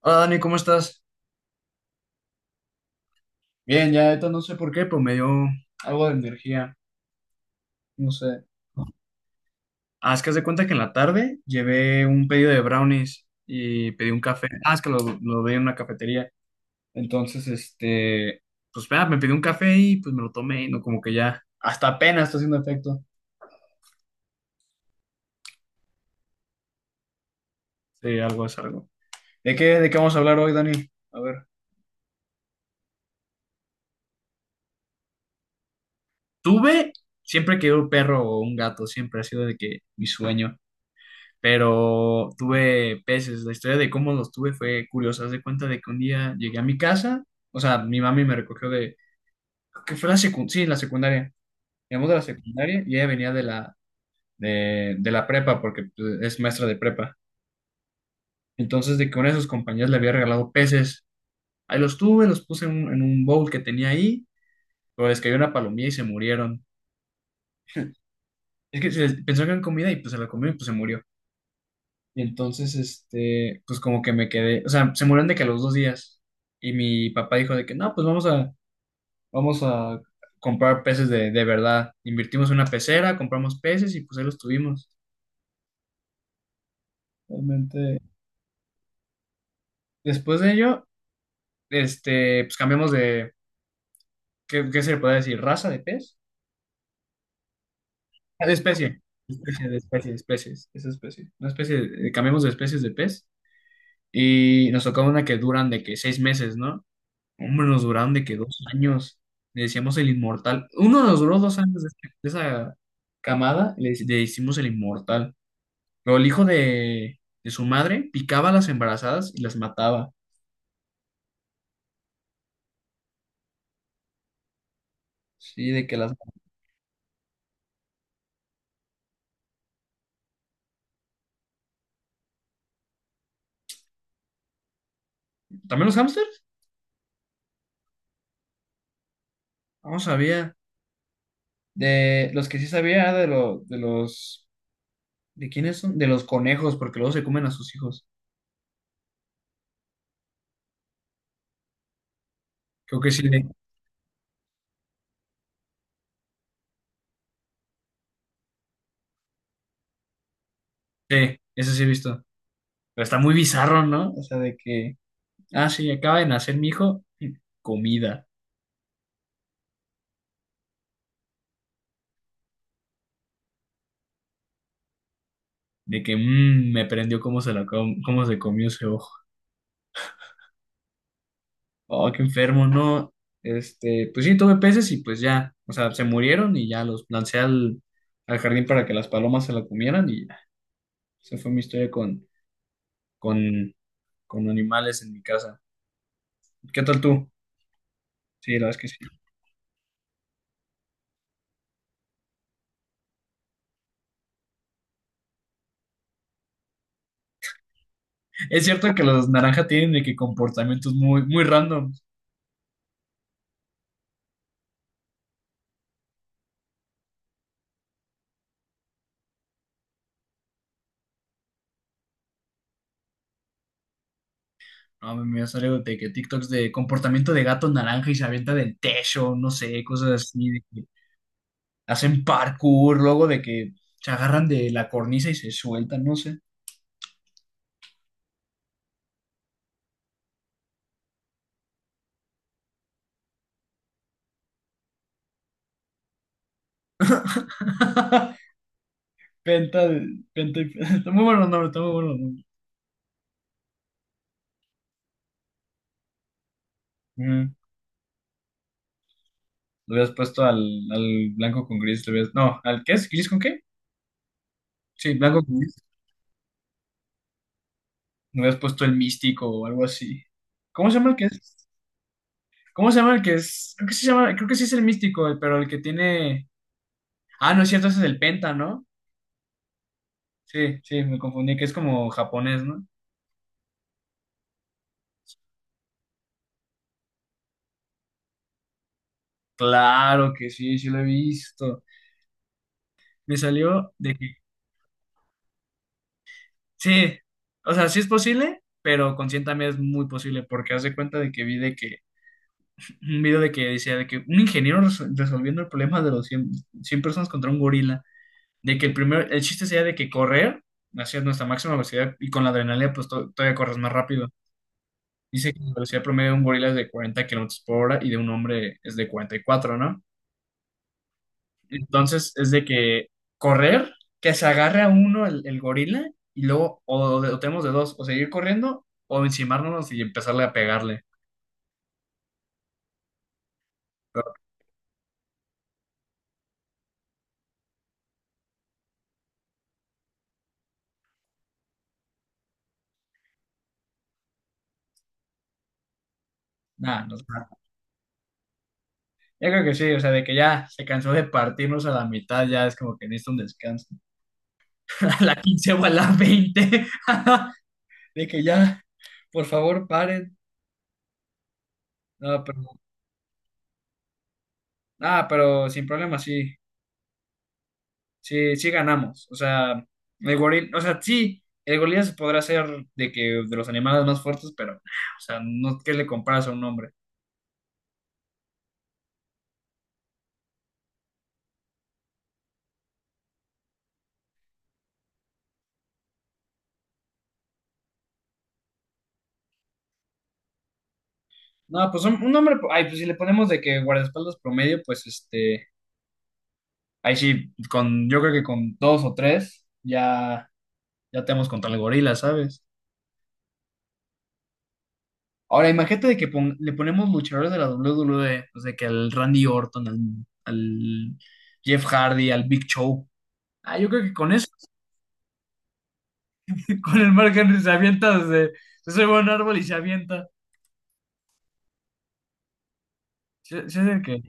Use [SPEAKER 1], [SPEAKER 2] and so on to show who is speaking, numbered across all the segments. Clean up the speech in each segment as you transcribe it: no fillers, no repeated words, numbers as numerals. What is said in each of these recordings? [SPEAKER 1] Hola Dani, ¿cómo estás? Bien, ya ahorita no sé por qué, pero me dio algo de energía, no sé. Ah, es que haz de cuenta que en la tarde llevé un pedido de brownies y pedí un café. Ah, es que lo vi en una cafetería. Entonces, pues vea, me pedí un café y pues me lo tomé y no como que ya, hasta apenas está haciendo efecto. Sí, algo es algo. ¿De qué vamos a hablar hoy, Dani? A ver. Tuve, siempre quería un perro o un gato, siempre ha sido de que mi sueño. Pero tuve peces. La historia de cómo los tuve fue curiosa. Haz de cuenta de que un día llegué a mi casa, o sea, mi mami me recogió de, creo que fue la secundaria, sí, la secundaria. Llegamos de la secundaria y ella venía de la prepa, porque pues, es maestra de prepa. Entonces, de que una de sus compañeras le había regalado peces. Ahí los tuve, los puse en un bowl que tenía ahí, pero les cayó una palomilla y se murieron. Es que pensó que eran comida y pues se la comió y pues se murió. Y entonces, pues como que me quedé, o sea, se murieron de que a los 2 días. Y mi papá dijo de que, no, pues vamos a comprar peces de verdad. Invertimos en una pecera, compramos peces y pues ahí los tuvimos. Realmente. Después de ello, pues cambiamos de, ¿qué se le puede decir? ¿Raza de pez? Ah, de especie, especie, de especies, esa especie. Una especie, cambiamos de especies de pez y nos tocó una que duran de que 6 meses, ¿no? Hombre, nos duraron de que 2 años. Le decíamos el inmortal. Uno nos duró 2 años de, de esa camada, le hicimos el inmortal. Pero el hijo de su madre picaba a las embarazadas y las mataba. Sí, de que las... ¿También los hámsters? No sabía. De los que sí sabía de, lo, de los... ¿De quiénes son? De los conejos, porque luego se comen a sus hijos. Creo que sí. Sí. Sí, eso sí he visto. Pero está muy bizarro, ¿no? O sea, de que... Ah, sí, acaba de nacer mi hijo. Comida. De que me prendió cómo cómo se comió ese ojo. Oh, qué enfermo, ¿no? Pues sí, tuve peces y pues ya, o sea, se murieron y ya los lancé al jardín para que las palomas se la comieran y ya. Esa fue mi historia con, con animales en mi casa. ¿Qué tal tú? Sí, la verdad es que sí. Es cierto que los naranjas tienen de que comportamientos muy, muy random. No, me salió de que TikToks de comportamiento de gato naranja y se avienta del techo, no sé, cosas así. Hacen parkour, luego de que se agarran de la cornisa y se sueltan, no sé. Penta, penta y está muy bueno el nombre, está muy bueno el nombre. Mm. Lo hubieras puesto al blanco con gris, lo hubieras... No, ¿al qué es? ¿Gris con qué? Sí, blanco con gris. Lo hubieras puesto el místico o algo así. ¿Cómo se llama el que es? ¿Cómo se llama el que es? Creo que sí se llama, creo que sí es el místico, pero el que tiene. Ah, no es cierto, ese es el penta, ¿no? Sí, sí, me confundí, que es como japonés, ¿no? Claro que sí, sí lo he visto. Me salió de que, sí, o sea, sí es posible, pero con 100 también es muy posible, porque haz de cuenta de que vi de que, un video de que decía de que un ingeniero resolviendo el problema de los 100, 100 personas contra un gorila, de que el chiste sería de que correr hacia nuestra máxima velocidad y con la adrenalina pues todavía corres más rápido. Dice que la velocidad promedio de un gorila es de 40 kilómetros por hora y de un hombre es de 44, ¿no? Entonces es de que correr, que se agarre a uno el gorila y luego o tenemos de dos, o seguir corriendo o encimarnos y empezarle a pegarle. Pero nada, no, sé. Yo creo que sí, o sea, de que ya se cansó de partirnos a la mitad, ya es como que necesita un descanso. A la 15 o a la veinte. De que ya, por favor, paren. No, pero sin problema, sí. Sí, sí ganamos. O sea, el gorila, o sea, sí, el gorila se podrá hacer de que de los animales más fuertes, pero nah, o sea, no que le comparas a un hombre. No, pues un hombre, ay, pues si le ponemos de que guardaespaldas promedio, pues ahí sí, con, yo creo que con dos o tres, ya, ya tenemos contra el gorila, ¿sabes? Ahora, imagínate de que le ponemos luchadores de la WWE, pues de que al Randy Orton, al Jeff Hardy, al Big Show. Ah, yo creo que con eso. Con el Mark Henry se avienta desde. Se sube soy buen árbol y se avienta. ¿Sí, sí es el que?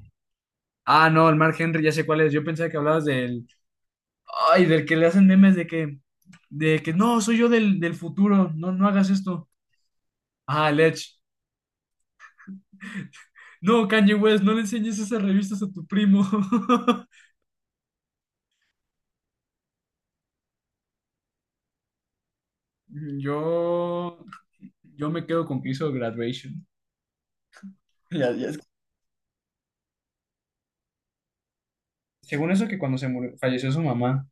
[SPEAKER 1] Ah, no, el Mark Henry, ya sé cuál es. Yo pensaba que hablabas del. Ay, del que le hacen memes de que. De que no, soy yo del futuro. No, no hagas esto. Ah, el Edge. No, Kanye West, no le enseñes esas revistas a tu primo. Yo. Yo me quedo con que hizo Graduation. Ya- ya es- Según eso, que cuando se murió, falleció su mamá.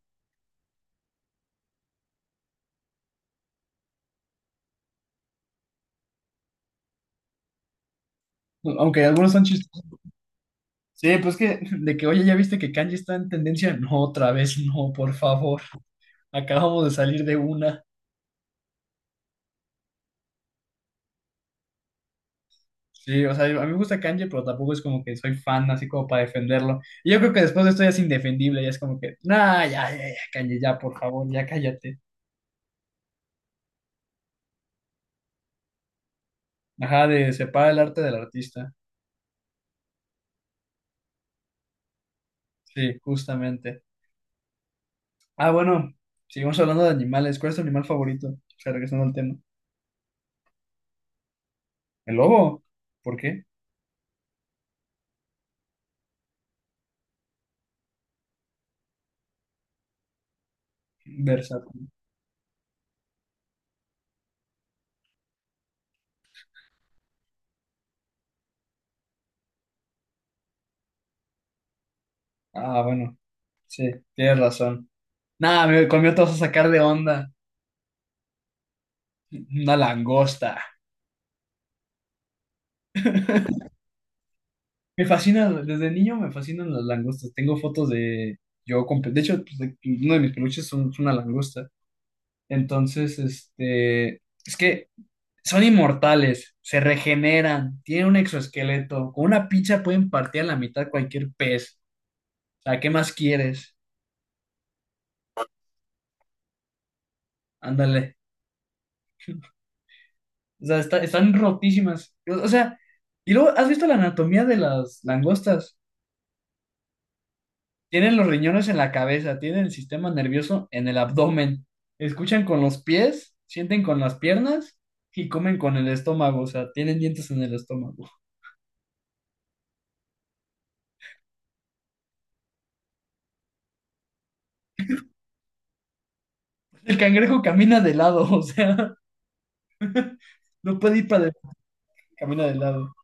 [SPEAKER 1] Aunque algunos son chistes. Sí, pues que, de que, oye, ¿ya viste que Kanji está en tendencia? No, otra vez no, por favor. Acabamos de salir de una. Sí, o sea, a mí me gusta Kanji, pero tampoco es como que soy fan, así como para defenderlo. Y yo creo que después de esto ya es indefendible, ya es como que, nah, ya, ya, ya, Kanji, ya, por favor, ya cállate. Ajá, de separa el arte del artista. Sí, justamente. Ah, bueno, seguimos hablando de animales. ¿Cuál es tu animal favorito? O sea, regresando al tema. ¿El lobo? ¿Por qué? Versátil. Ah, bueno, sí, tienes razón. Nada, conmigo te vas a sacar de onda. Una langosta. Me fascina, desde niño me fascinan las langostas. Tengo fotos de yo con, de hecho, pues, uno de mis peluches es una langosta. Entonces, es que son inmortales, se regeneran, tienen un exoesqueleto. Con una pincha pueden partir a la mitad cualquier pez. O sea, ¿qué más quieres? Ándale. O sea, están rotísimas. O sea, y luego, ¿has visto la anatomía de las langostas? Tienen los riñones en la cabeza, tienen el sistema nervioso en el abdomen, escuchan con los pies, sienten con las piernas y comen con el estómago, o sea, tienen dientes en el estómago. El cangrejo camina de lado, o sea, no puede ir para adelante, camina de lado.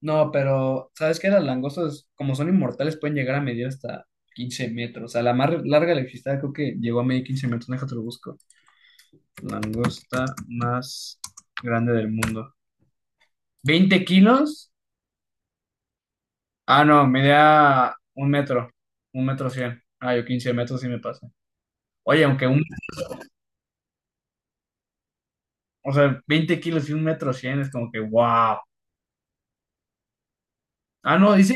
[SPEAKER 1] No, pero ¿sabes qué? Las langostas, como son inmortales, pueden llegar a medir hasta 15 metros. O sea, la más larga electricidad creo que llegó a medir 15 metros. Déjate lo busco. Langosta más grande del mundo. ¿20 kilos? Ah, no, medía un metro cien. Ah, yo 15 metros sí me pasé. Oye, aunque un, o sea, 20 kilos y un metro cien es como que, wow. Ah, no, dice,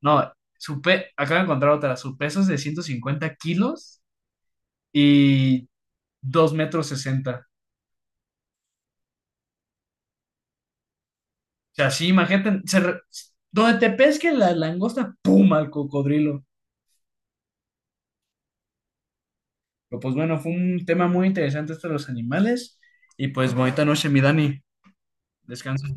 [SPEAKER 1] no, acabo de encontrar otra, su peso es de 150 kilos y 2 metros 60. O sea, sí, imagínate, donde te pesque la langosta, ¡pum!, al cocodrilo. Pero pues bueno, fue un tema muy interesante esto de los animales. Y pues bonita noche, mi Dani. Descansa.